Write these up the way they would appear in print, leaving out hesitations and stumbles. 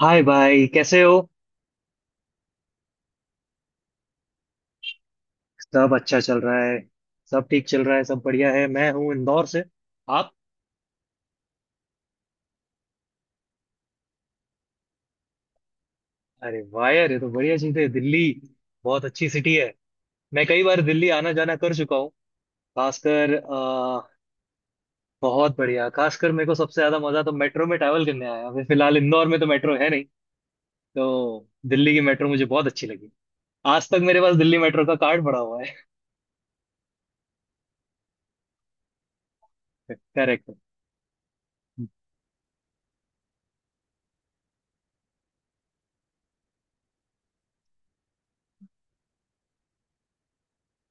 हाय भाई कैसे हो? सब अच्छा चल रहा है। सब ठीक चल रहा है। सब बढ़िया है। मैं हूँ इंदौर से। आप? अरे वाह यार, ये तो बढ़िया चीज है। दिल्ली बहुत अच्छी सिटी है। मैं कई बार दिल्ली आना जाना कर चुका हूँ। खासकर बहुत बढ़िया। खासकर मेरे को सबसे ज्यादा मजा तो मेट्रो में ट्रैवल करने आया। अभी फिलहाल इंदौर में तो मेट्रो है नहीं, तो दिल्ली की मेट्रो मुझे बहुत अच्छी लगी। आज तक मेरे पास दिल्ली मेट्रो का कार्ड पड़ा हुआ है। करेक्ट।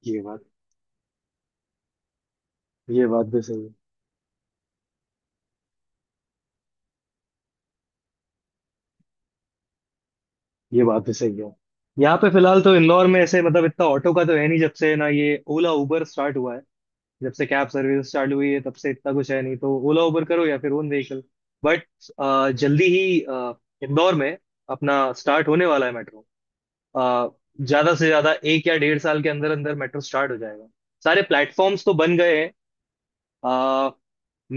ये बात। ये बात भी सही है। ये बात भी सही है। यहाँ पे फिलहाल तो इंदौर में ऐसे मतलब इतना ऑटो का तो है नहीं, जब से ना ये ओला उबर स्टार्ट हुआ है। जब से कैब सर्विस चालू हुई है तब से इतना कुछ है नहीं, तो ओला उबर करो या फिर ओन व्हीकल। बट जल्दी ही इंदौर में अपना स्टार्ट होने वाला है मेट्रो। ज्यादा से ज्यादा एक या डेढ़ साल के अंदर अंदर मेट्रो स्टार्ट हो जाएगा। सारे प्लेटफॉर्म्स तो बन गए हैं।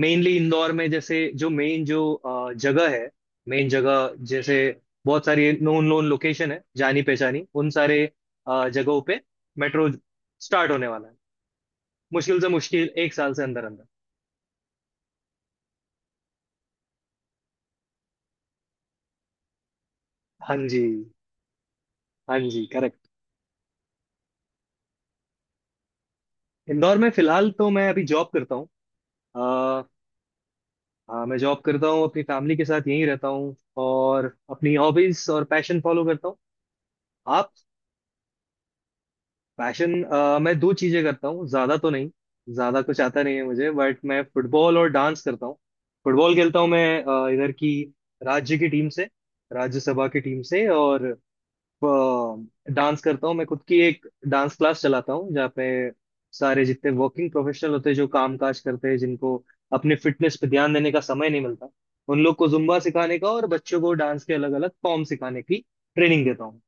मेनली इंदौर में, जैसे जो मेन, जो जगह है, मेन जगह जैसे बहुत सारी नोन नोन लोकेशन है, जानी पहचानी, उन सारे जगहों पे मेट्रो स्टार्ट होने वाला है। मुश्किल से मुश्किल एक साल से अंदर अंदर। हाँ जी। हाँ जी, करेक्ट। इंदौर में फिलहाल तो मैं अभी जॉब करता हूँ। अ, हाँ, मैं जॉब करता हूँ, अपनी फैमिली के साथ यहीं रहता हूँ। और अपनी हॉबीज और पैशन फॉलो करता हूँ। आप? पैशन मैं दो चीजें करता हूँ, ज्यादा तो नहीं। ज्यादा कुछ आता नहीं है मुझे, बट मैं फुटबॉल और डांस करता हूँ। फुटबॉल खेलता हूँ मैं इधर की राज्य की टीम से, राज्यसभा की टीम से। और अ, डांस करता हूँ। मैं खुद की एक डांस क्लास चलाता हूँ जहाँ पे सारे जितने वर्किंग प्रोफेशनल होते हैं, जो काम काज करते हैं, जिनको अपने फिटनेस पे ध्यान देने का समय नहीं मिलता, उन लोग को जुम्बा सिखाने का और बच्चों को डांस के अलग अलग फॉर्म सिखाने की ट्रेनिंग देता हूँ।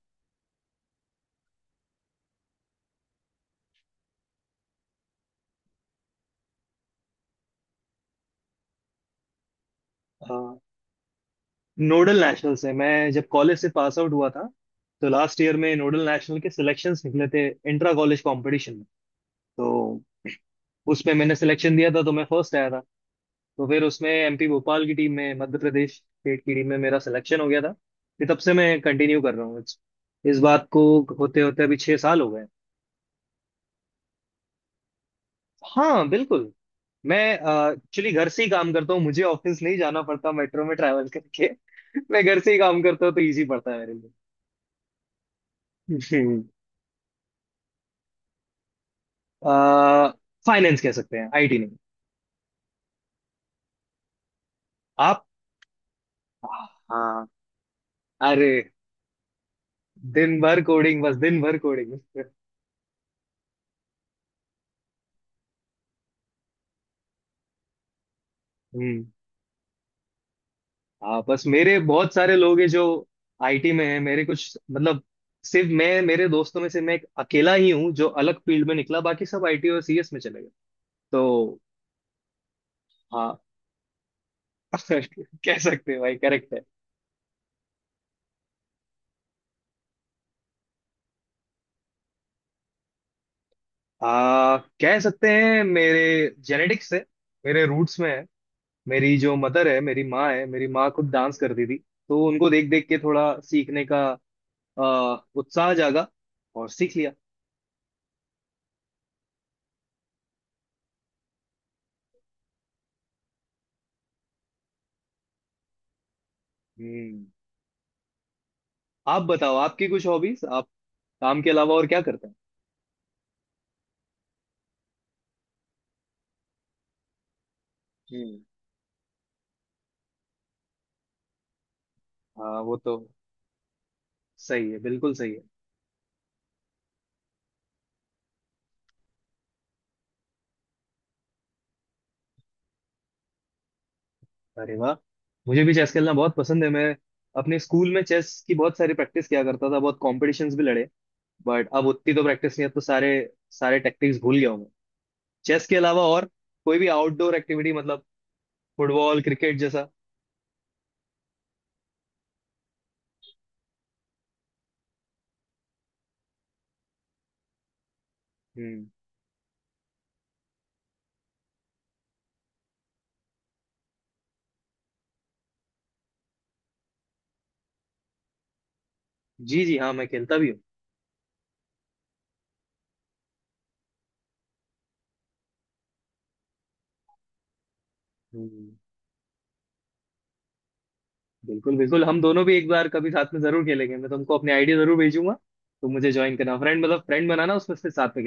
Uh, नोडल नेशनल से, मैं जब कॉलेज से पास आउट हुआ था तो लास्ट ईयर में नोडल नेशनल के सिलेक्शंस निकले थे इंट्रा कॉलेज कंपटीशन में। तो उसमें मैंने सिलेक्शन दिया था तो मैं फर्स्ट आया था। तो फिर उसमें एमपी भोपाल की टीम में, मध्य प्रदेश स्टेट की टीम में मेरा सिलेक्शन हो गया था। फिर तब से मैं कंटिन्यू कर रहा हूँ इस बात को। होते होते अभी 6 साल हो गए। हाँ बिल्कुल। मैं एक्चुअली घर से ही काम करता हूँ, मुझे ऑफिस नहीं जाना पड़ता मेट्रो में ट्रैवल करके। मैं घर से ही काम करता हूँ तो इजी पड़ता है मेरे लिए। फाइनेंस कह सकते हैं, आईटी नहीं। आप। हाँ। अरे। दिन भर कोडिंग, बस दिन भर कोडिंग। हम्म। हाँ बस, मेरे बहुत सारे लोग हैं जो आईटी में हैं। मेरे कुछ मतलब, सिर्फ मैं, मेरे दोस्तों में से मैं एक अकेला ही हूँ जो अलग फील्ड में निकला, बाकी सब आईटी और सीएस में चले गए। तो। हाँ कह सकते हैं भाई, करेक्ट है। कह सकते हैं मेरे जेनेटिक्स है, मेरे रूट्स में है। मेरी जो मदर है, मेरी माँ है, मेरी माँ खुद डांस करती थी। तो उनको देख देख के थोड़ा सीखने का अ, उत्साह जागा और सीख लिया। हम्म। आप बताओ, आपकी कुछ हॉबीज, आप काम के अलावा और क्या करते हैं? हम्म। हाँ वो तो सही है, बिल्कुल सही है। अरे वाह, मुझे भी चेस खेलना बहुत पसंद है। मैं अपने स्कूल में चेस की बहुत सारी प्रैक्टिस किया करता था, बहुत कॉम्पिटिशन्स भी लड़े। बट अब उतनी तो प्रैक्टिस नहीं है तो सारे सारे टैक्टिक्स भूल गया हूँ मैं। चेस के अलावा, और कोई भी आउटडोर एक्टिविटी मतलब, फुटबॉल क्रिकेट जैसा? हम्म। जी जी, हाँ मैं खेलता भी हूँ। हम्म। बिल्कुल, बिल्कुल, हम दोनों भी एक बार कभी साथ में जरूर खेलेंगे, मैं तुमको अपने आइडिया जरूर भेजूंगा। तुम मुझे ज्वाइन करना, फ्रेंड मतलब फ्रेंड बनाना उसमें से, साथ में।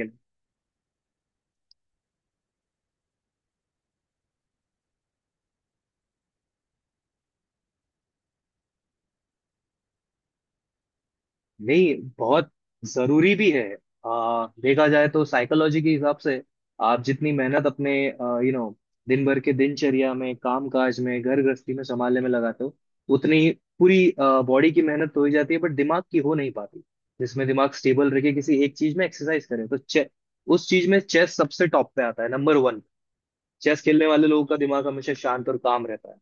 नहीं, बहुत जरूरी भी है। देखा जाए तो साइकोलॉजी के हिसाब से, आप जितनी मेहनत अपने, यू नो, दिन भर के दिनचर्या में, काम काज में, घर गृहस्थी में संभालने में लगाते हो, उतनी पूरी बॉडी की मेहनत तो हो ही जाती है, बट दिमाग की हो नहीं पाती। जिसमें दिमाग स्टेबल रखे किसी एक चीज में एक्सरसाइज करे, तो उस चीज में चेस सबसे टॉप पे आता है, नंबर वन। चेस खेलने वाले लोगों का दिमाग हमेशा शांत और काम रहता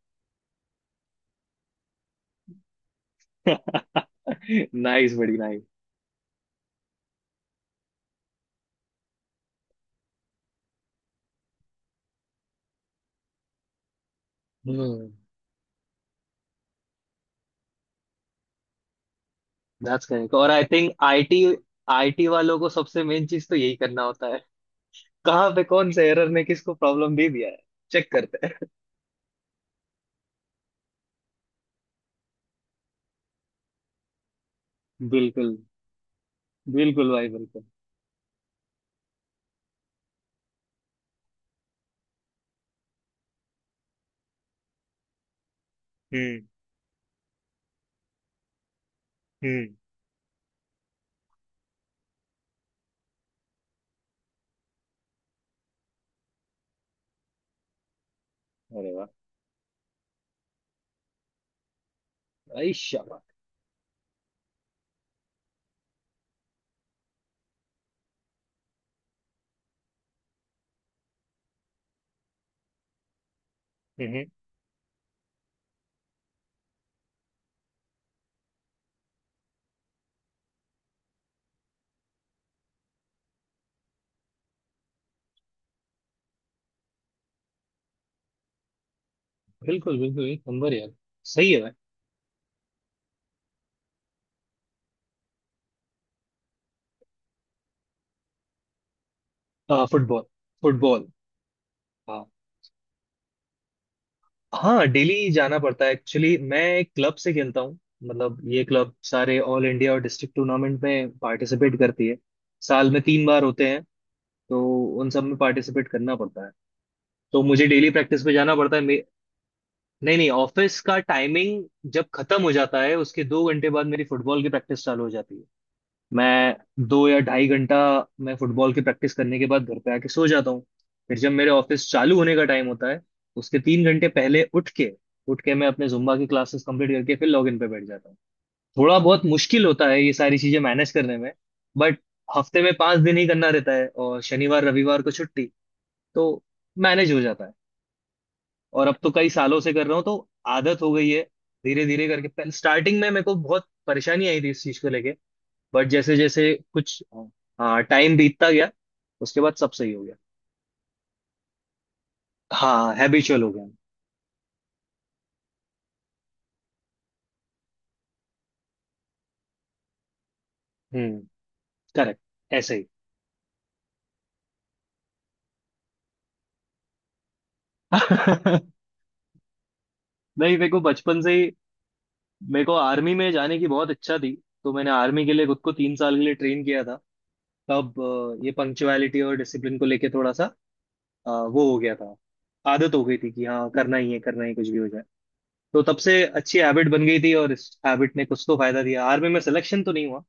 है। नाइस, बड़ी नाइस। That's correct. और आई थिंक आईटी, आईटी वालों को सबसे मेन चीज तो यही करना होता है। कहाँ पे कौन से एरर ने किसको प्रॉब्लम दे दिया है, चेक करते हैं। बिल्कुल। बिल्कुल भाई, बिल्कुल। हम्म। हम्म। अरे वाह, भाई शाबाश। हम्म। बिल्कुल बिल्कुल, एक नंबर यार। सही है भाई। हाँ फुटबॉल। फुटबॉल। हाँ डेली जाना पड़ता है, एक्चुअली मैं एक क्लब से खेलता हूँ। मतलब ये क्लब सारे ऑल इंडिया और डिस्ट्रिक्ट टूर्नामेंट में पार्टिसिपेट करती है। साल में 3 बार होते हैं, तो उन सब में पार्टिसिपेट करना पड़ता है। तो मुझे डेली प्रैक्टिस पे जाना पड़ता है नहीं नहीं, ऑफिस का टाइमिंग जब खत्म हो जाता है उसके 2 घंटे बाद मेरी फुटबॉल की प्रैक्टिस चालू हो जाती है। मैं दो या ढाई घंटा, मैं फुटबॉल की प्रैक्टिस करने के बाद घर पे आके सो जाता हूँ। फिर जब मेरे ऑफिस चालू होने का टाइम होता है उसके 3 घंटे पहले उठ के, उठ के मैं अपने जुम्बा की क्लासेस कंप्लीट करके फिर लॉगिन पे बैठ जाता हूँ। थोड़ा बहुत मुश्किल होता है ये सारी चीजें मैनेज करने में, बट हफ्ते में 5 दिन ही करना रहता है और शनिवार रविवार को छुट्टी, तो मैनेज हो जाता है। और अब तो कई सालों से कर रहा हूँ तो आदत हो गई है। धीरे धीरे करके, स्टार्टिंग में मेरे को बहुत परेशानी आई थी इस चीज को लेके, बट जैसे जैसे कुछ, हाँ, टाइम बीतता गया उसके बाद सब सही हो गया। हाँ हैबिचुअल हो गया। हम्म, करेक्ट, ऐसे ही। नहीं, मेरे को बचपन से ही, मेरे को आर्मी में जाने की बहुत इच्छा थी। तो मैंने आर्मी के लिए खुद को 3 साल के लिए ट्रेन किया था, तब ये पंक्चुअलिटी और डिसिप्लिन को लेके थोड़ा सा वो हो गया था। आदत हो गई थी कि हाँ करना ही है, करना ही, कुछ भी हो जाए। तो तब से अच्छी हैबिट बन गई थी, और इस हैबिट ने कुछ तो फायदा दिया। आर्मी में सिलेक्शन तो नहीं हुआ,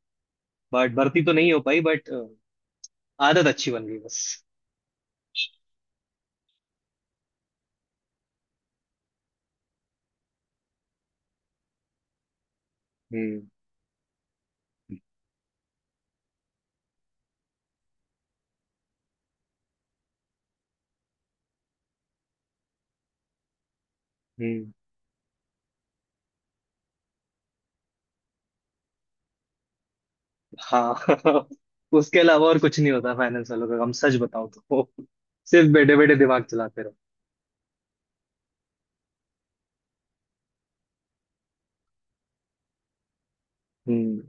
बट भर्ती तो नहीं हो पाई, बट आदत अच्छी बन गई बस। हम्म। हम्म। हाँ उसके अलावा और कुछ नहीं होता फाइनेंस वालों का काम, सच बताऊं तो। सिर्फ बैठे बैठे दिमाग चलाते रहो। हम्म।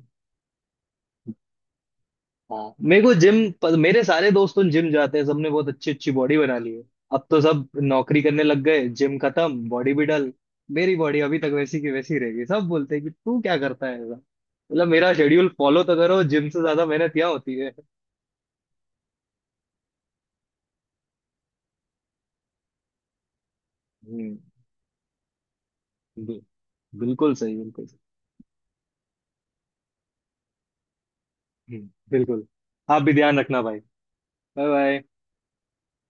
हाँ, मेरे को जिम, मेरे सारे दोस्तों जिम जाते हैं, सबने बहुत अच्छी अच्छी बॉडी बना ली है। अब तो सब नौकरी करने लग गए, जिम खत्म, बॉडी भी डल। मेरी बॉडी अभी तक वैसी की वैसी रहेगी। सब बोलते हैं कि तू क्या करता है ऐसा, मतलब मेरा शेड्यूल फॉलो तो करो, जिम से ज्यादा मेहनत यहाँ होती है। हम्म। बि- बिल्कुल सही, बिल्कुल। बिल्कुल। आप भी ध्यान रखना भाई। बाय। बाय।